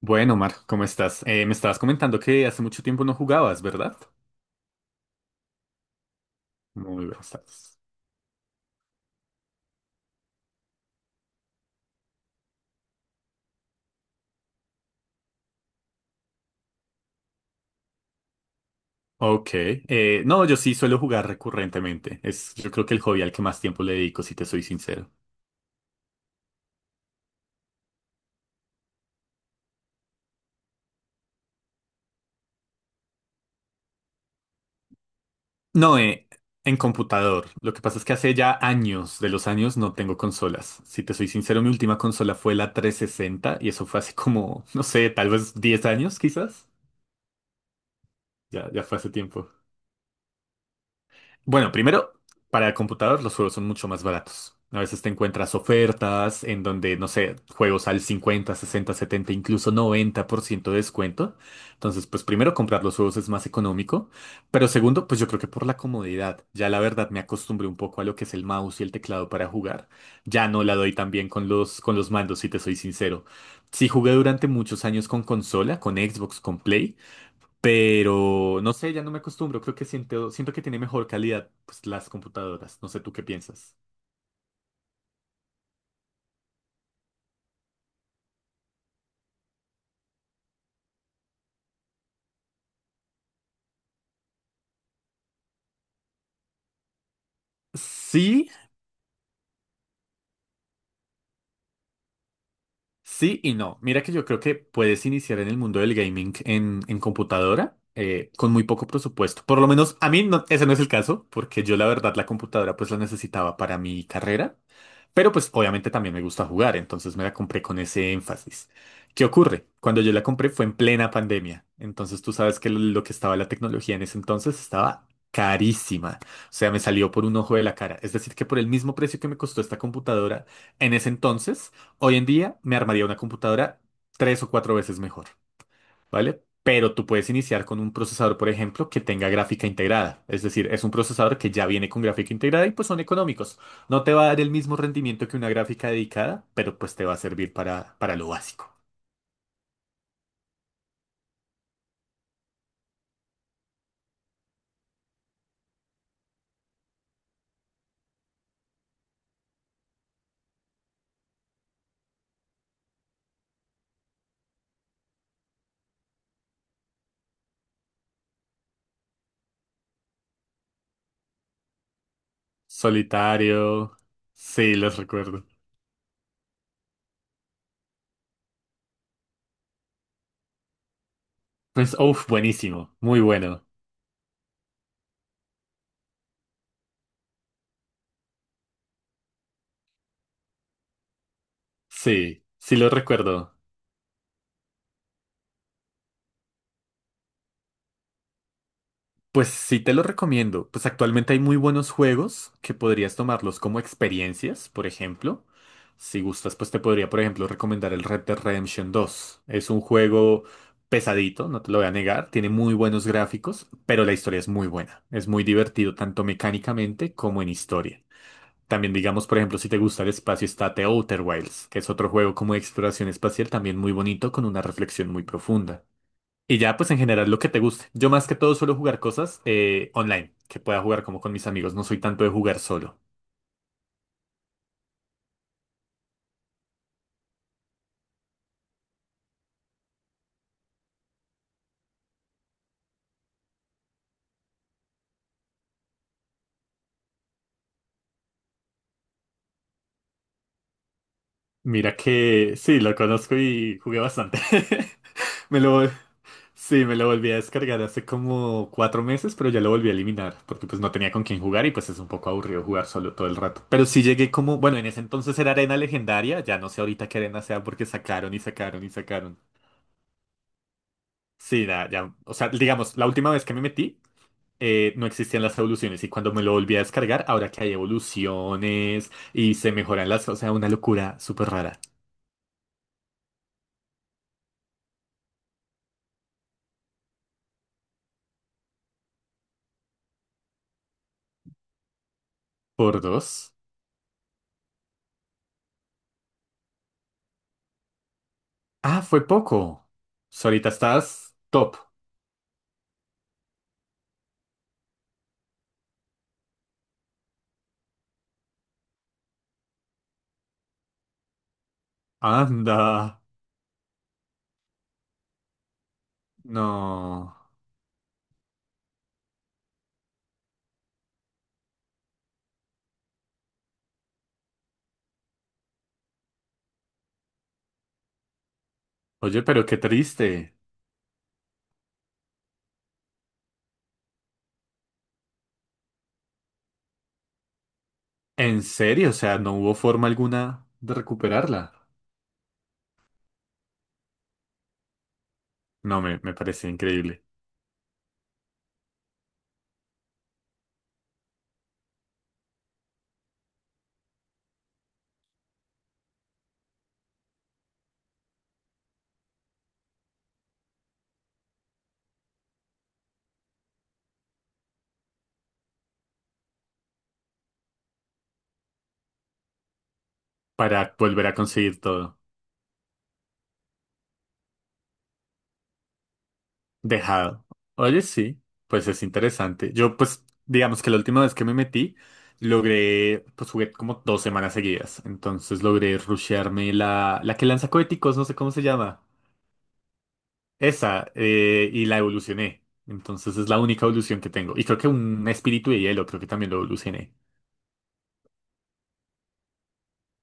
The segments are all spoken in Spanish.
Bueno, Omar, ¿cómo estás? Me estabas comentando que hace mucho tiempo no jugabas, ¿verdad? Muy bien, estás. Ok. No, yo sí suelo jugar recurrentemente. Es, yo creo que el hobby al que más tiempo le dedico, si te soy sincero. No, en computador. Lo que pasa es que hace ya años de los años no tengo consolas. Si te soy sincero, mi última consola fue la 360 y eso fue hace como, no sé, tal vez 10 años quizás. Ya fue hace tiempo. Bueno, primero, para el computador los juegos son mucho más baratos. A veces te encuentras ofertas en donde, no sé, juegos al 50, 60, 70, incluso 90% de descuento. Entonces, pues primero comprar los juegos es más económico. Pero segundo, pues yo creo que por la comodidad. Ya la verdad me acostumbré un poco a lo que es el mouse y el teclado para jugar. Ya no la doy tan bien con los mandos, si te soy sincero. Sí jugué durante muchos años con consola, con Xbox, con Play. Pero no sé, ya no me acostumbro. Creo que siento que tiene mejor calidad pues, las computadoras. No sé tú qué piensas. Sí, sí y no. Mira que yo creo que puedes iniciar en el mundo del gaming en computadora con muy poco presupuesto. Por lo menos a mí no- ese no es el caso, porque yo la verdad la computadora pues la necesitaba para mi carrera, pero pues obviamente también me gusta jugar, entonces me la compré con ese énfasis. ¿Qué ocurre? Cuando yo la compré fue en plena pandemia, entonces tú sabes que lo que estaba la tecnología en ese entonces estaba carísima, o sea, me salió por un ojo de la cara, es decir, que por el mismo precio que me costó esta computadora en ese entonces, hoy en día me armaría una computadora 3 o 4 veces mejor, ¿vale? Pero tú puedes iniciar con un procesador, por ejemplo, que tenga gráfica integrada. Es decir, es un procesador que ya viene con gráfica integrada y pues son económicos. No te va a dar el mismo rendimiento que una gráfica dedicada, pero pues te va a servir para lo básico. Solitario. Sí, los recuerdo. Pues, uff, buenísimo. Muy bueno. Sí, sí lo recuerdo. Pues sí te lo recomiendo. Pues actualmente hay muy buenos juegos que podrías tomarlos como experiencias, por ejemplo. Si gustas, pues te podría, por ejemplo, recomendar el Red Dead Redemption dos. Es un juego pesadito, no te lo voy a negar. Tiene muy buenos gráficos, pero la historia es muy buena. Es muy divertido, tanto mecánicamente como en historia. También digamos, por ejemplo, si te gusta el espacio, está The Outer Wilds, que es otro juego como de exploración espacial, también muy bonito, con una reflexión muy profunda. Y ya, pues en general lo que te guste. Yo más que todo suelo jugar cosas online, que pueda jugar como con mis amigos. No soy tanto de jugar solo. Mira que sí, lo conozco y jugué bastante. Me lo, vol- sí, me lo volví a descargar hace como 4 meses, pero ya lo volví a eliminar, porque pues no tenía con quién jugar y pues es un poco aburrido jugar solo todo el rato. Pero sí llegué como, bueno, en ese entonces era arena legendaria, ya no sé ahorita qué arena sea porque sacaron y sacaron y sacaron. Sí, ya ya, o sea, digamos, la última vez que me metí. No existían las evoluciones y cuando me lo volví a descargar, ahora que hay evoluciones y se mejoran las, o sea, una locura súper rara. Por dos. Ah, fue poco. So, ahorita estás top. Anda. No. Oye, pero qué triste. En serio, o sea, no hubo forma alguna de recuperarla. No, me parece increíble. Para volver a conseguir todo. Dejado. Oye, sí, pues es interesante. Yo, pues, digamos que la última vez que me metí, logré, pues jugué como 2 semanas seguidas. Entonces logré rushearme la que lanza coheticos, no sé cómo se llama. Esa, y la evolucioné. Entonces es la única evolución que tengo. Y creo que un espíritu de hielo, creo que también lo evolucioné.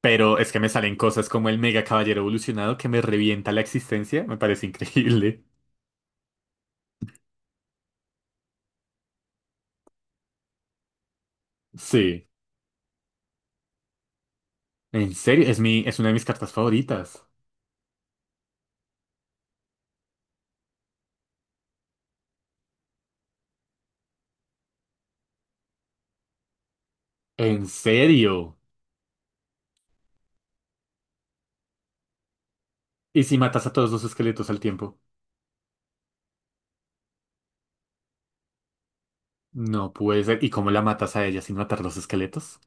Pero es que me salen cosas como el mega caballero evolucionado que me revienta la existencia. Me parece increíble. Sí. En serio, es mi, es una de mis cartas favoritas. En serio. ¿Y si matas a todos los esqueletos al tiempo? No puede ser. ¿Y cómo la matas a ella sin matar los esqueletos?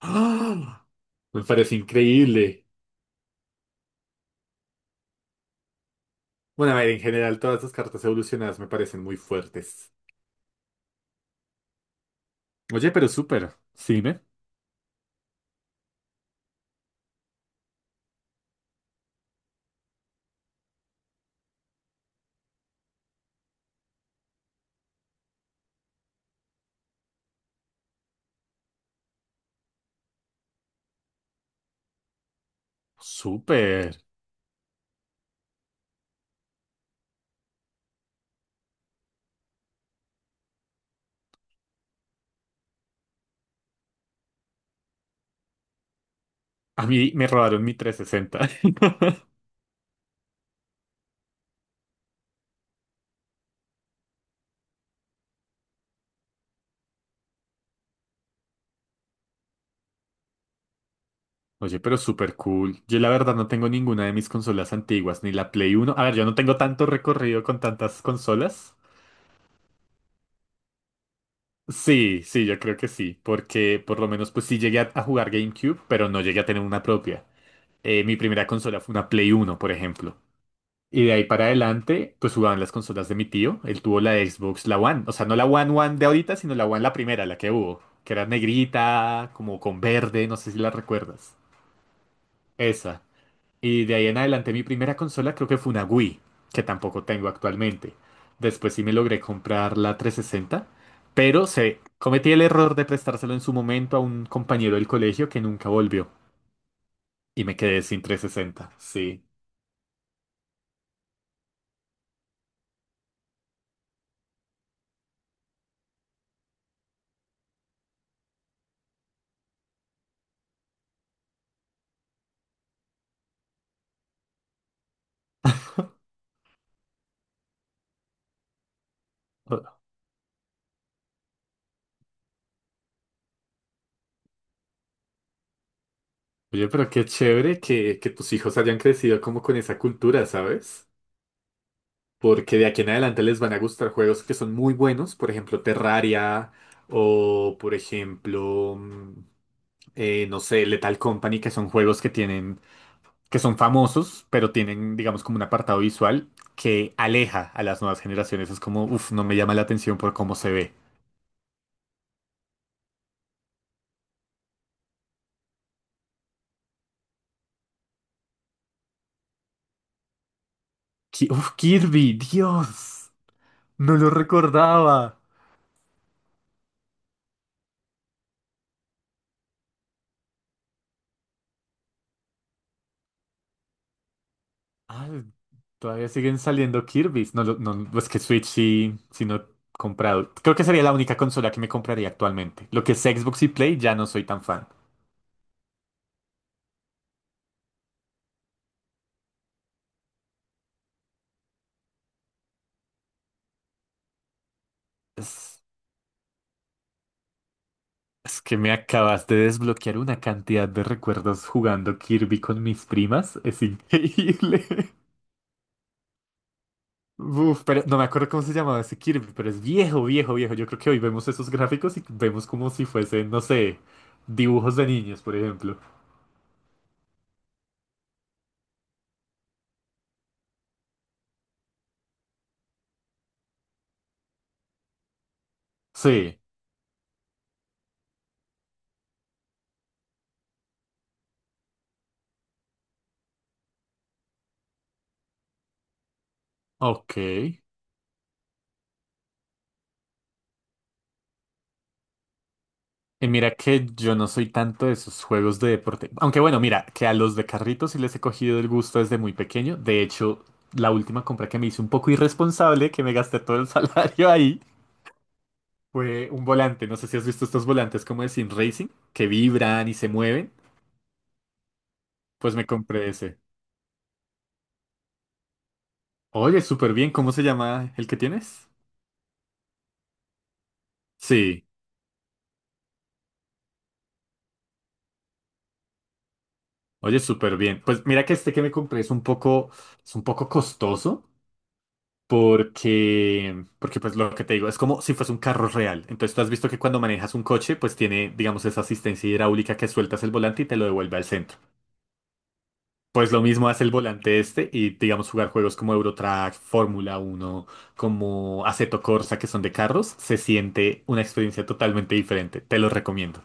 ¡Ah! Me parece increíble. Bueno, a ver, en general, todas las cartas evolucionadas me parecen muy fuertes. Oye, pero súper. Sí, me. Súper. A mí me robaron mi 360. Oye, pero súper cool. Yo la verdad no tengo ninguna de mis consolas antiguas, ni la Play Uno. A ver, yo no tengo tanto recorrido con tantas consolas. Sí, sí, yo creo que sí, porque por lo menos pues sí llegué a jugar GameCube, pero no llegué a tener una propia. Mi primera consola fue una Play Uno, por ejemplo. Y de ahí para adelante, pues jugaban las consolas de mi tío. Él tuvo la Xbox, la One. O sea, no la One One de ahorita, sino la One la primera, la que hubo. Que era negrita, como con verde, no sé si la recuerdas. Esa. Y de ahí en adelante mi primera consola creo que fue una Wii, que tampoco tengo actualmente. Después sí me logré comprar la 360, pero se cometí el error de prestárselo en su momento a un compañero del colegio que nunca volvió y me quedé sin 360. Sí. O- Oye, pero qué chévere que tus hijos hayan crecido como con esa cultura, ¿sabes? Porque de aquí en adelante les van a gustar juegos que son muy buenos, por ejemplo Terraria o por ejemplo... no sé, Lethal Company, que son juegos que tienen, que son famosos, pero tienen, digamos, como un apartado visual que aleja a las nuevas generaciones. Es como, uff, no me llama la atención por cómo se ve. Uf, Kirby, Dios, no lo recordaba. Ah, todavía siguen saliendo Kirby's. No, no, es que Switch sí, sí no he comprado. Creo que sería la única consola que me compraría actualmente. Lo que es Xbox y Play ya no soy tan fan. Es que me acabas de desbloquear una cantidad de recuerdos jugando Kirby con mis primas. Es increíble. Uf, pero no me acuerdo cómo se llamaba ese Kirby, pero es viejo, viejo, viejo. Yo creo que hoy vemos esos gráficos y vemos como si fuesen, no sé, dibujos de niños, por ejemplo. Sí, ok. Y mira que yo no soy tanto de esos juegos de deporte. Aunque bueno, mira, que a los de carritos sí les he cogido el gusto desde muy pequeño. De hecho, la última compra que me hice un poco irresponsable, que me gasté todo el salario ahí. Fue un volante, no sé si has visto estos volantes como de Sim Racing, que vibran y se mueven. Pues me compré ese. Oye, súper bien, ¿cómo se llama el que tienes? Sí, oye, súper bien. Pues mira que este que me compré es es un poco costoso porque, porque pues lo que te digo, es como si fuese un carro real. Entonces tú has visto que cuando manejas un coche, pues tiene, digamos, esa asistencia hidráulica que sueltas el volante y te lo devuelve al centro. Pues lo mismo hace el volante este y digamos jugar juegos como Eurotrack, Fórmula Uno, como Assetto Corsa que son de carros, se siente una experiencia totalmente diferente. Te lo recomiendo.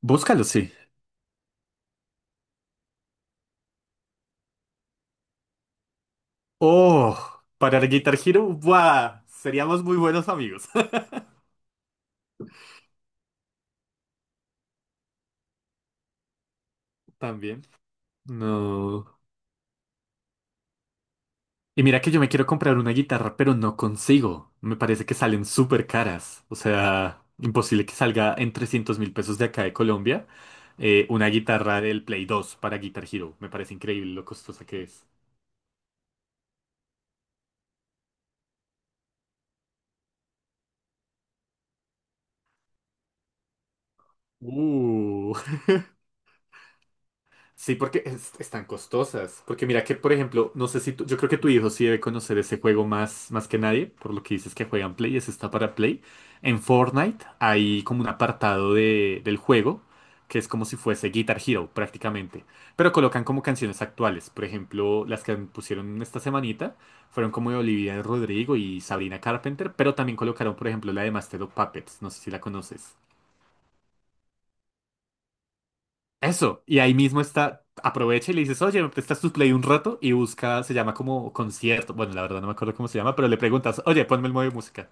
Búscalo, sí. Oh, para el Guitar Hero, ¡buah! Seríamos muy buenos amigos. También. No. Y mira que yo me quiero comprar una guitarra, pero no consigo. Me parece que salen súper caras. O sea, imposible que salga en 300.000 pesos de acá de Colombia una guitarra del Play 2 para Guitar Hero. Me parece increíble lo costosa que es. Uh. Sí, porque están costosas. Porque mira que, por ejemplo, no sé si yo creo que tu hijo sí debe conocer ese juego más, más que nadie, por lo que dices que juegan Play, ese está para Play. En Fortnite hay como un apartado de, del juego que es como si fuese Guitar Hero prácticamente, pero colocan como canciones actuales. Por ejemplo, las que pusieron esta semanita fueron como de Olivia Rodrigo y Sabrina Carpenter, pero también colocaron, por ejemplo, la de Master of Puppets, no sé si la conoces. Eso, y ahí mismo está, aprovecha y le dices, oye, ¿me prestas tu Play un rato? Y busca, se llama como concierto, bueno, la verdad no me acuerdo cómo se llama, pero le preguntas, oye, ponme el modo de música.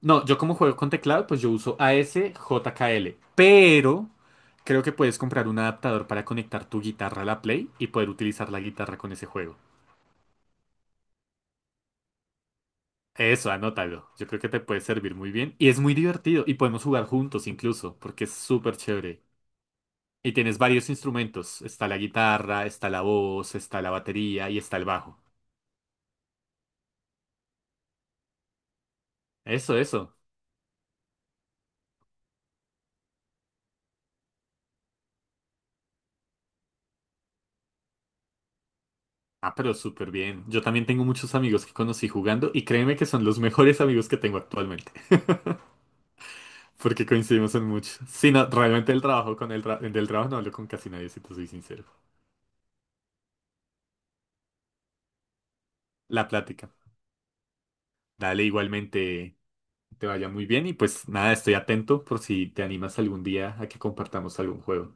No, yo como juego con teclado, pues yo uso a s j k l pero creo que puedes comprar un adaptador para conectar tu guitarra a la Play y poder utilizar la guitarra con ese juego. Eso, anótalo, yo creo que te puede servir muy bien y es muy divertido y podemos jugar juntos incluso, porque es súper chévere. Y tienes varios instrumentos. Está la guitarra, está la voz, está la batería y está el bajo. Eso, eso. Ah, pero súper bien. Yo también tengo muchos amigos que conocí jugando y créeme que son los mejores amigos que tengo actualmente, porque coincidimos en mucho. Sí, no, realmente el trabajo con el del trabajo no hablo con casi nadie, si te soy sincero. La plática. Dale, igualmente te vaya muy bien y pues nada, estoy atento por si te animas algún día a que compartamos algún juego.